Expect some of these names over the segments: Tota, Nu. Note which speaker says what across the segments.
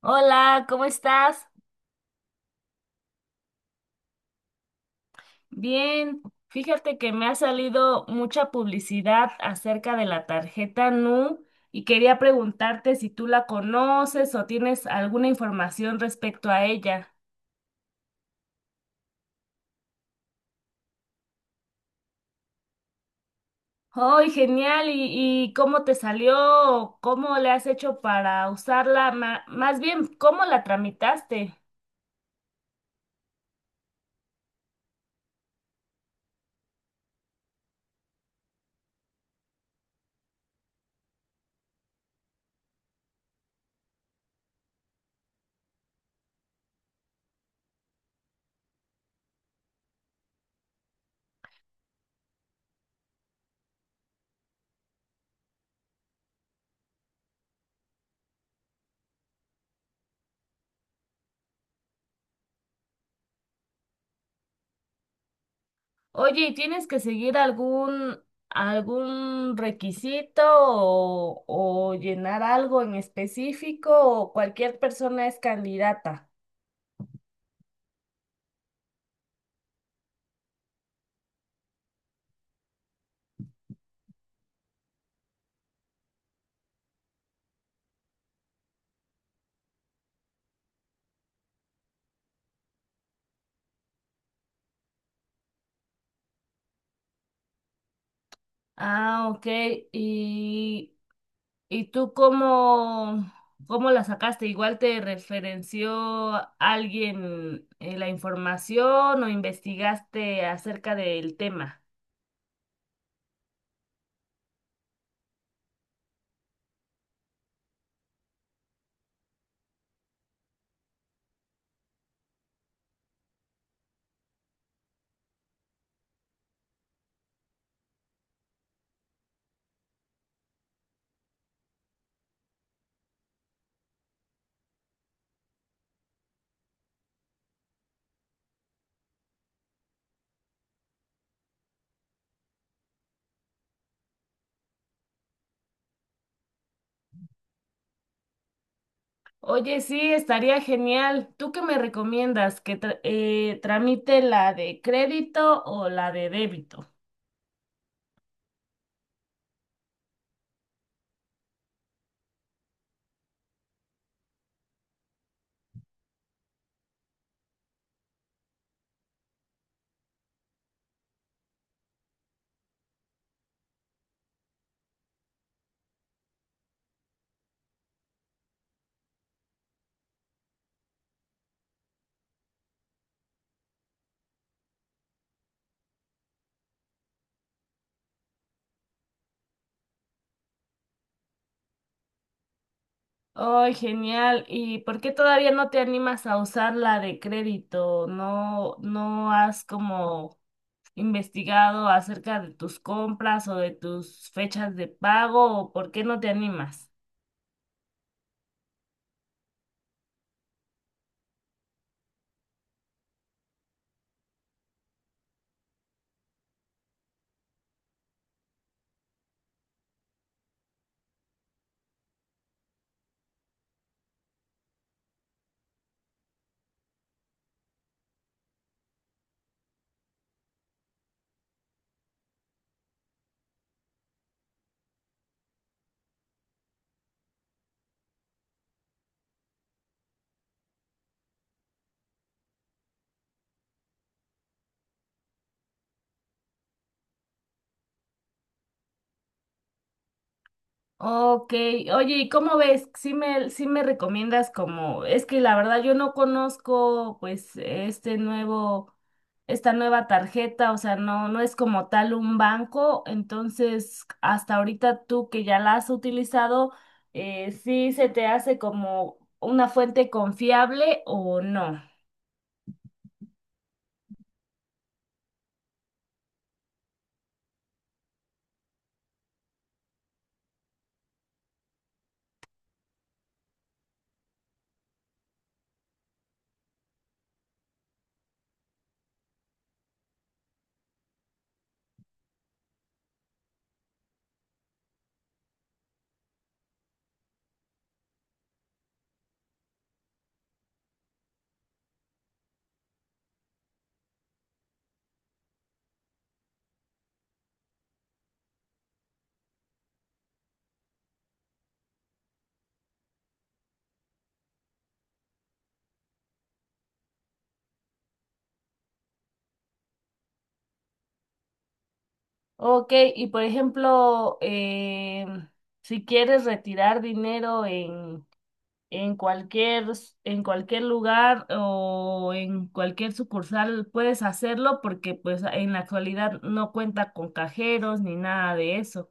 Speaker 1: Hola, ¿cómo estás? Bien, fíjate que me ha salido mucha publicidad acerca de la tarjeta Nu y quería preguntarte si tú la conoces o tienes alguna información respecto a ella. ¡Ay, genial! ¿Y cómo te salió? ¿Cómo le has hecho para usarla? Más bien, ¿cómo la tramitaste? Oye, ¿y tienes que seguir algún requisito o llenar algo en específico o cualquier persona es candidata? Ah, ok. ¿Y, y tú cómo, cómo la sacaste? ¿Igual te referenció alguien la información o investigaste acerca del tema? Oye, sí, estaría genial. ¿Tú qué me recomiendas? ¿Que tramite la de crédito o la de débito? Ay, genial. ¿Y por qué todavía no te animas a usar la de crédito? No has como investigado acerca de tus compras o de tus fechas de pago? ¿O por qué no te animas? Ok, oye, ¿y cómo ves? Sí me recomiendas como, es que la verdad yo no conozco pues esta nueva tarjeta, o sea, no es como tal un banco, entonces hasta ahorita tú que ya la has utilizado, ¿sí se te hace como una fuente confiable o no? Ok, y por ejemplo, si quieres retirar dinero En cualquier, en cualquier lugar o en cualquier sucursal puedes hacerlo porque pues en la actualidad no cuenta con cajeros ni nada de eso.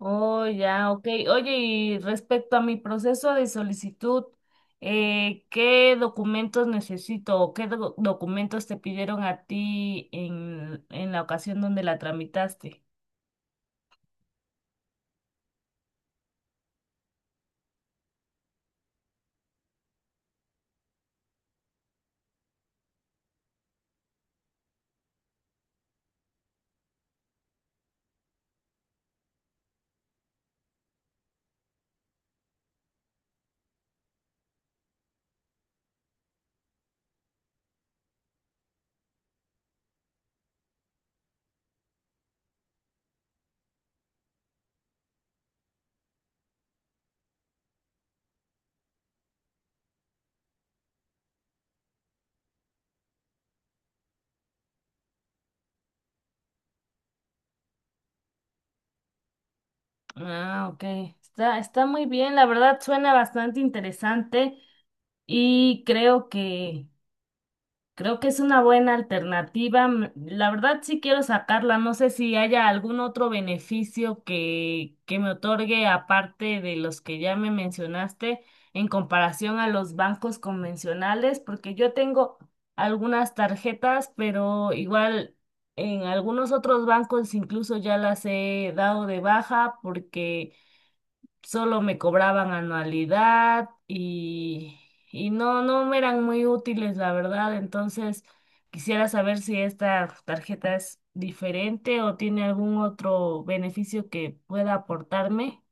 Speaker 1: Oh, ya, ok. Oye, y respecto a mi proceso de solicitud, ¿qué documentos necesito o qué documentos te pidieron a ti en la ocasión donde la tramitaste? Ah, ok. Está, está muy bien, la verdad suena bastante interesante. Y creo que Creo que es una buena alternativa. La verdad sí quiero sacarla. No sé si haya algún otro beneficio que me otorgue aparte de los que ya me mencionaste en comparación a los bancos convencionales, porque yo tengo algunas tarjetas, pero igual en algunos otros bancos incluso ya las he dado de baja porque solo me cobraban anualidad y no me eran muy útiles, la verdad. Entonces, quisiera saber si esta tarjeta es diferente o tiene algún otro beneficio que pueda aportarme.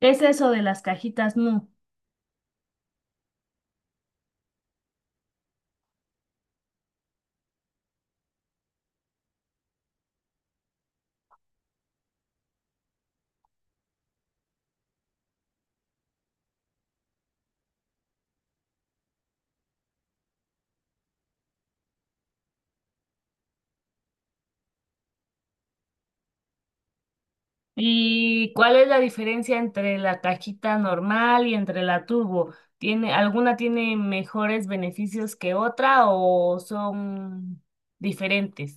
Speaker 1: ¿Qué es eso de las cajitas Nu? ¿Y cuál es la diferencia entre la cajita normal y entre la turbo? ¿Tiene, alguna tiene mejores beneficios que otra o son diferentes?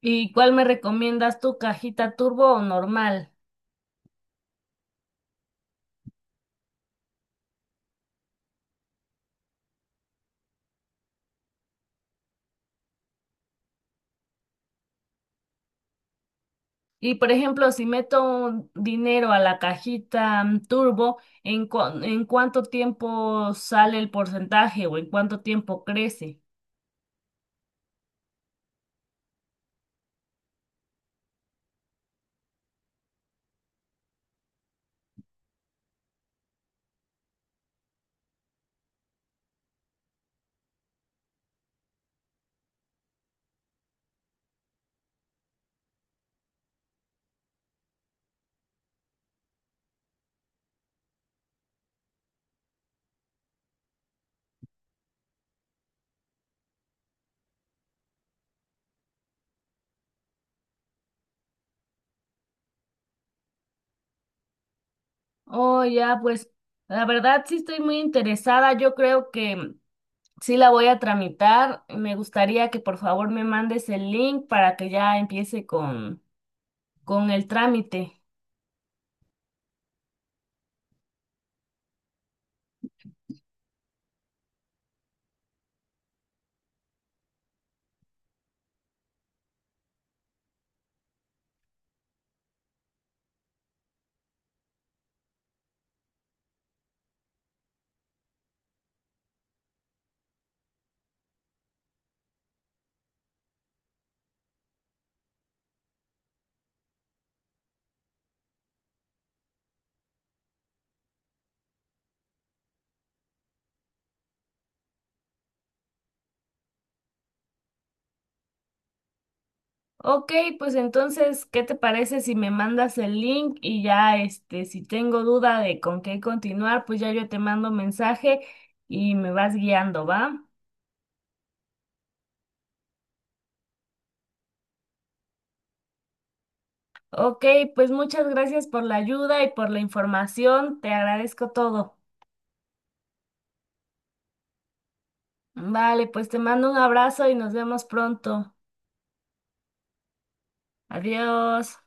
Speaker 1: ¿Y cuál me recomiendas tú, cajita turbo o normal? Y por ejemplo, si meto un dinero a la cajita turbo, en cuánto tiempo sale el porcentaje o en cuánto tiempo crece? Oh, ya, pues la verdad sí estoy muy interesada. Yo creo que sí la voy a tramitar. Me gustaría que por favor me mandes el link para que ya empiece con el trámite. Ok, pues entonces, ¿qué te parece si me mandas el link y ya, este, si tengo duda de con qué continuar, pues ya yo te mando mensaje y me vas guiando, ¿va? Ok, pues muchas gracias por la ayuda y por la información, te agradezco todo. Vale, pues te mando un abrazo y nos vemos pronto. Adiós.